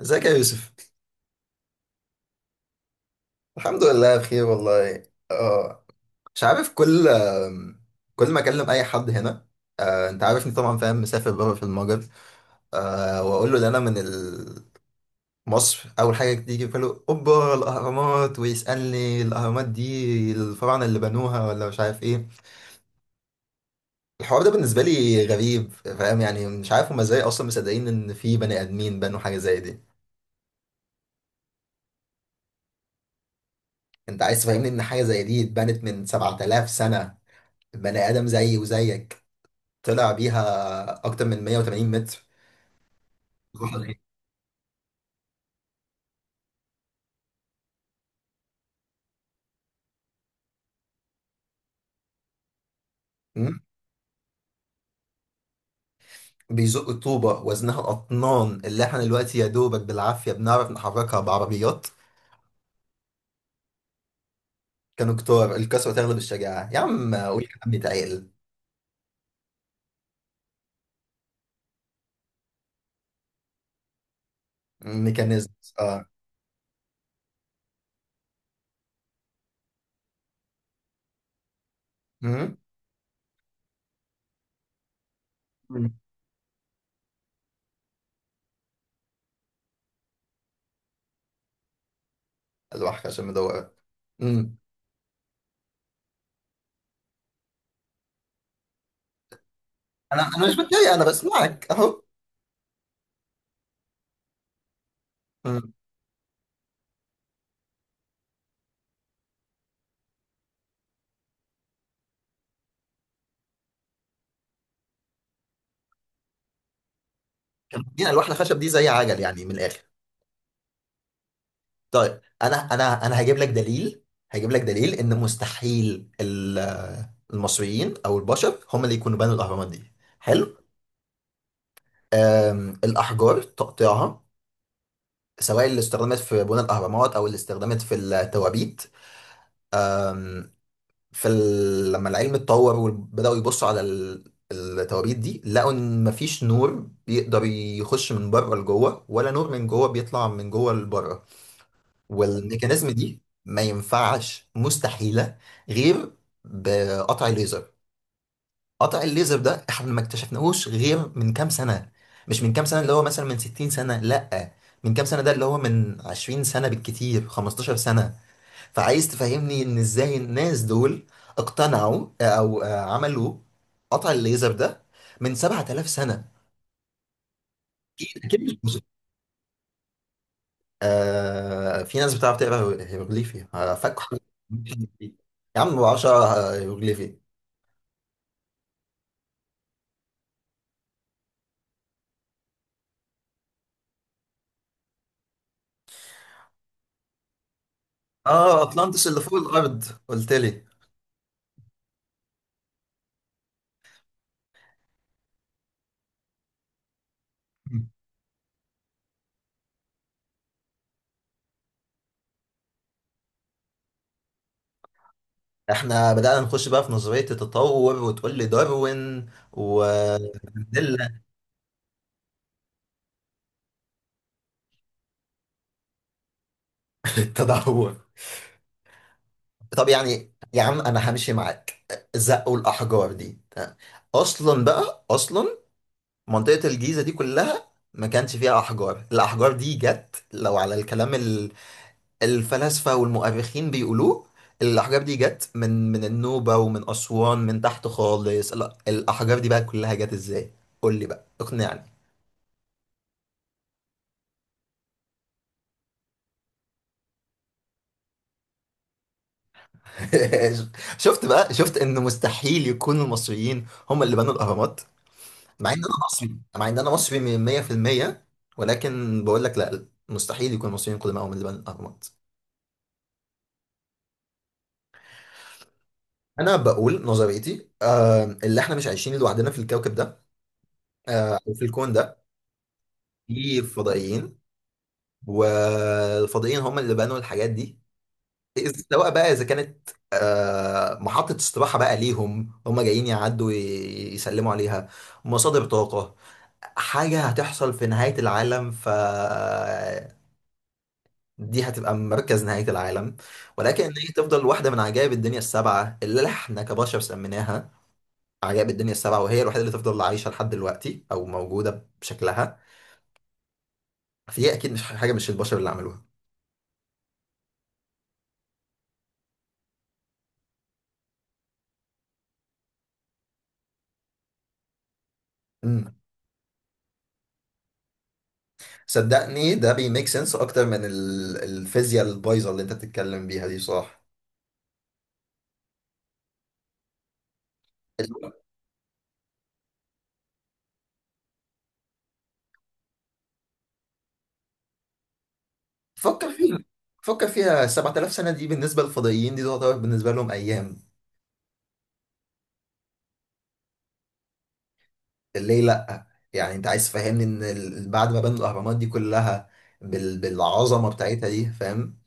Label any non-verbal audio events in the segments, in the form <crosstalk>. ازيك يا يوسف؟ الحمد لله بخير والله. اه، مش عارف. كل ما اكلم اي حد هنا، انت عارفني طبعا، فاهم؟ مسافر بره في المجر، واقول له ان انا من مصر. اول حاجه تيجي في باله اوبا الاهرامات، ويسالني الاهرامات دي الفراعنه اللي بنوها ولا مش عارف ايه. الحوار ده بالنسبه لي غريب، فاهم؟ يعني مش عارف هما ازاي اصلا مصدقين ان في بني ادمين بنوا حاجه زي دي. انت عايز تفهمني ان حاجه زي دي اتبنت من 7000 سنه؟ بني ادم زيي وزيك طلع بيها اكتر من 180 متر؟ بروح على ايه؟ مم. بيزق الطوبة وزنها الأطنان، اللي احنا دلوقتي يا دوبك بالعافية بنعرف نحركها بعربيات. كانوا كتار؟ الكسوة تغلب الشجاعة يا عم، قول كلام بيتعقل. ميكانيزم؟ اه. مم. مم. الواحدة عشان مدورة. مم. أنا مش بتضايق، أنا بسمعك أهو. مم. كانوا مدين الواحدة خشب دي زي عجل يعني من الآخر. طيب، انا هجيب لك دليل. هجيب لك دليل ان مستحيل المصريين او البشر هم اللي يكونوا بنوا الاهرامات دي. حلو. الاحجار تقطيعها، سواء اللي استخدمت في بناء الاهرامات او اللي استخدمت في التوابيت. أم، في ال... لما العلم اتطور وبداوا يبصوا على ال... التوابيت دي، لقوا ان مفيش نور بيقدر يخش من بره لجوه، ولا نور من جوه بيطلع من جوه لبره. والميكانيزم دي ما ينفعش، مستحيلة. غير بقطع الليزر. قطع الليزر ده احنا ما اكتشفناهوش غير من كام سنة. مش من كام سنة اللي هو مثلا من 60 سنة، لا. من كام سنة ده اللي هو من 20 سنة بالكتير، 15 سنة. فعايز تفهمني ان ازاي الناس دول اقتنعوا او عملوا قطع الليزر ده من 7000 سنة؟ اكيد. آه في ناس بتعرف تقرا هيروغليفي، فك. يا عم بعشرة هيروغليفي. اه، اطلانتس اللي فوق الارض قلت لي؟ احنا بدأنا نخش بقى في نظرية التطور، وتقول لي داروين ومانديلا. <laughs> التدهور. طب يعني يا عم انا همشي معاك. زقوا الاحجار دي. اصلا بقى، اصلا منطقة الجيزة دي كلها ما كانش فيها احجار. الاحجار دي جت لو على الكلام الفلاسفة والمؤرخين بيقولوه، الأحجار دي جت من النوبة ومن أسوان من تحت خالص. لا، الأحجار دي بقى كلها جت إزاي؟ قول لي بقى، اقنعني. <laughs> شفت بقى؟ شفت إن مستحيل يكون المصريين هم اللي بنوا الأهرامات؟ مع إن أنا مصري، مع إن أنا مصري من 100%، ولكن بقول لك لا، مستحيل يكون المصريين كلهم هم اللي بنوا الأهرامات. أنا بقول نظريتي، آه، اللي إحنا مش عايشين لوحدنا في الكوكب ده، أو في الكون ده. في فضائيين، والفضائيين هم اللي بنوا الحاجات دي. سواء بقى اذا كانت محطة استراحة بقى ليهم، هم جايين يعدوا يسلموا عليها، مصادر طاقة، حاجة هتحصل في نهاية العالم، ف دي هتبقى مركز نهاية العالم. ولكن إن هي تفضل واحدة من عجائب الدنيا السبعة اللي احنا كبشر سميناها عجائب الدنيا السبعة، وهي الوحيدة اللي تفضل عايشة لحد دلوقتي أو موجودة بشكلها. فهي أكيد مش حاجة، مش البشر اللي عملوها. صدقني ده بيميك سنس اكتر من الفيزياء البايظه اللي انت بتتكلم بيها دي، صح. فكر فيها. فكر فيها، 7000 سنه دي بالنسبه للفضائيين دي تعتبر بالنسبه لهم ايام. ليه لا؟ يعني انت عايز تفهمني ان بعد ما بنوا الاهرامات دي كلها بالعظمه بتاعتها دي، فاهم؟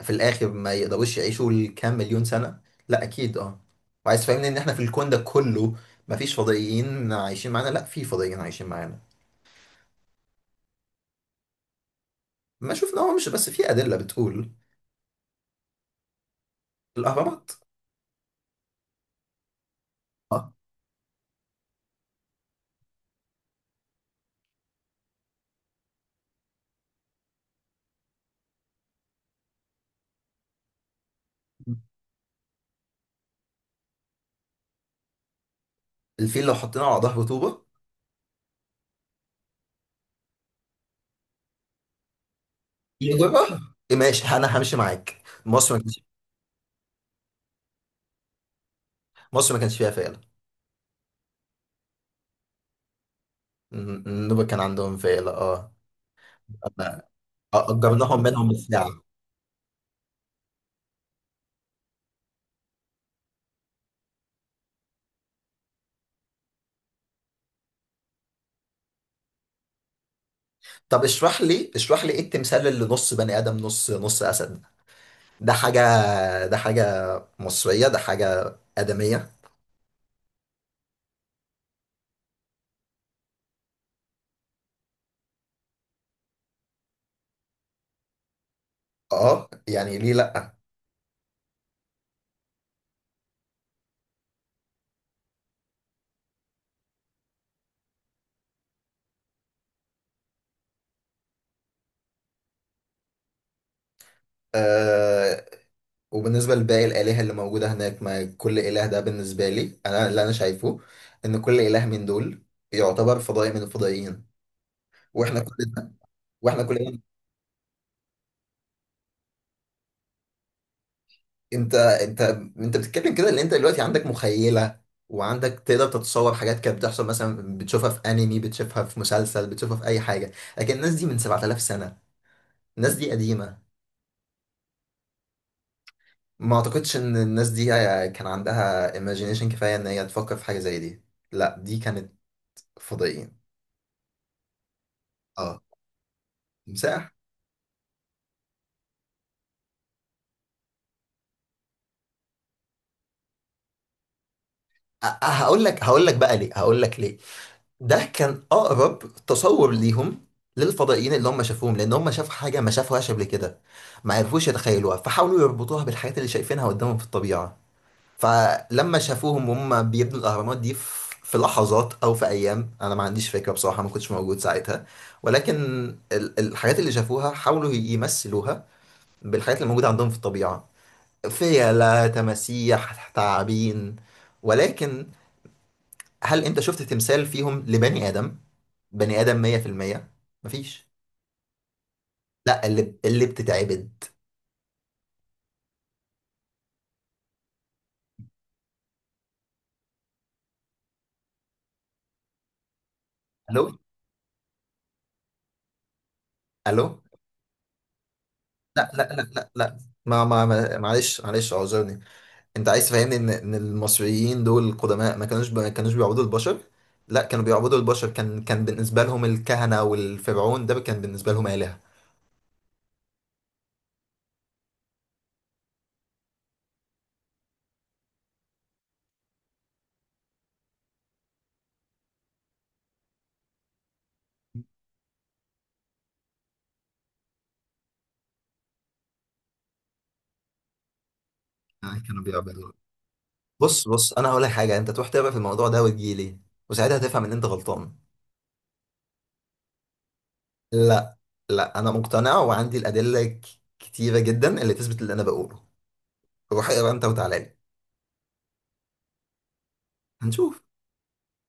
في الاخر ما يقدروش يعيشوا الكام مليون سنه؟ لا اكيد اه. وعايز تفهمني ان احنا في الكون ده كله ما فيش فضائيين عايشين معانا؟ لا، في فضائيين عايشين معانا. ما شفنا، هو مش بس في ادله بتقول. الاهرامات. آه. الفيل لو حطيناه على ظهر طوبه يغرق، يغرقها إيه؟ ماشي انا همشي معاك، مصر ما كانش. مصر ما كانش فيها فيلة. النوبة كان عندهم فيلة اه. أنا اجرناهم منهم بالساعة. طب اشرح لي، اشرح لي ايه التمثال اللي نص بني ادم نص، نص اسد؟ ده حاجة، ده حاجة مصرية؟ ده حاجة آدمية؟ اه يعني ليه لا؟ آه. وبالنسبة لباقي الآلهة اللي موجودة هناك، ما كل إله ده بالنسبة لي انا اللي انا شايفه ان كل إله من دول يعتبر فضائي من الفضائيين. واحنا كلنا، واحنا كلنا. انت انت انت بتتكلم كده ان انت دلوقتي عندك مخيله، وعندك تقدر تتصور حاجات كانت بتحصل، مثلا بتشوفها في انمي، بتشوفها في مسلسل، بتشوفها في اي حاجه. لكن الناس دي من 7000 سنه، الناس دي قديمه. ما اعتقدش ان الناس دي كان عندها imagination كفايه ان هي تفكر في حاجه زي دي. لا، دي كانت فضائيين. اه. تمساح. هقول لك، هقول لك بقى ليه، هقول لك ليه. ده كان اقرب تصور ليهم للفضائيين اللي هم شافوهم، لان هم شافوا حاجه ما شافوهاش قبل كده، ما عرفوش يتخيلوها، فحاولوا يربطوها بالحاجات اللي شايفينها قدامهم في الطبيعه. فلما شافوهم وهم بيبنوا الاهرامات دي في لحظات او في ايام، انا ما عنديش فكره بصراحه، ما كنتش موجود ساعتها. ولكن الحاجات اللي شافوها حاولوا يمثلوها بالحاجات اللي موجوده عندهم في الطبيعه. فيلة، تماسيح، تعابين. ولكن هل انت شفت تمثال فيهم لبني ادم؟ بني ادم 100%؟ مفيش. لا، اللي بتتعبد. الو؟ الو؟ لا، معلش، معلش اعذرني. انت عايز تفهمني ان المصريين دول القدماء ما كانوش ما كانوش بيعبدوا البشر؟ لا، كانوا بيعبدوا البشر. كان بالنسبه لهم الكهنه والفرعون ده كان بالنسبه لهم الهه. يعني كانوا بيعبدوا. بص، بص، انا هقول لك حاجه، انت تروح تقرا في الموضوع ده وتجيلي، وساعتها هتفهم ان انت غلطان. لا، لا انا مقتنع، وعندي الادله كتيره جدا اللي تثبت اللي انا بقوله. روح اقرا انت وتعالى لي. هنشوف.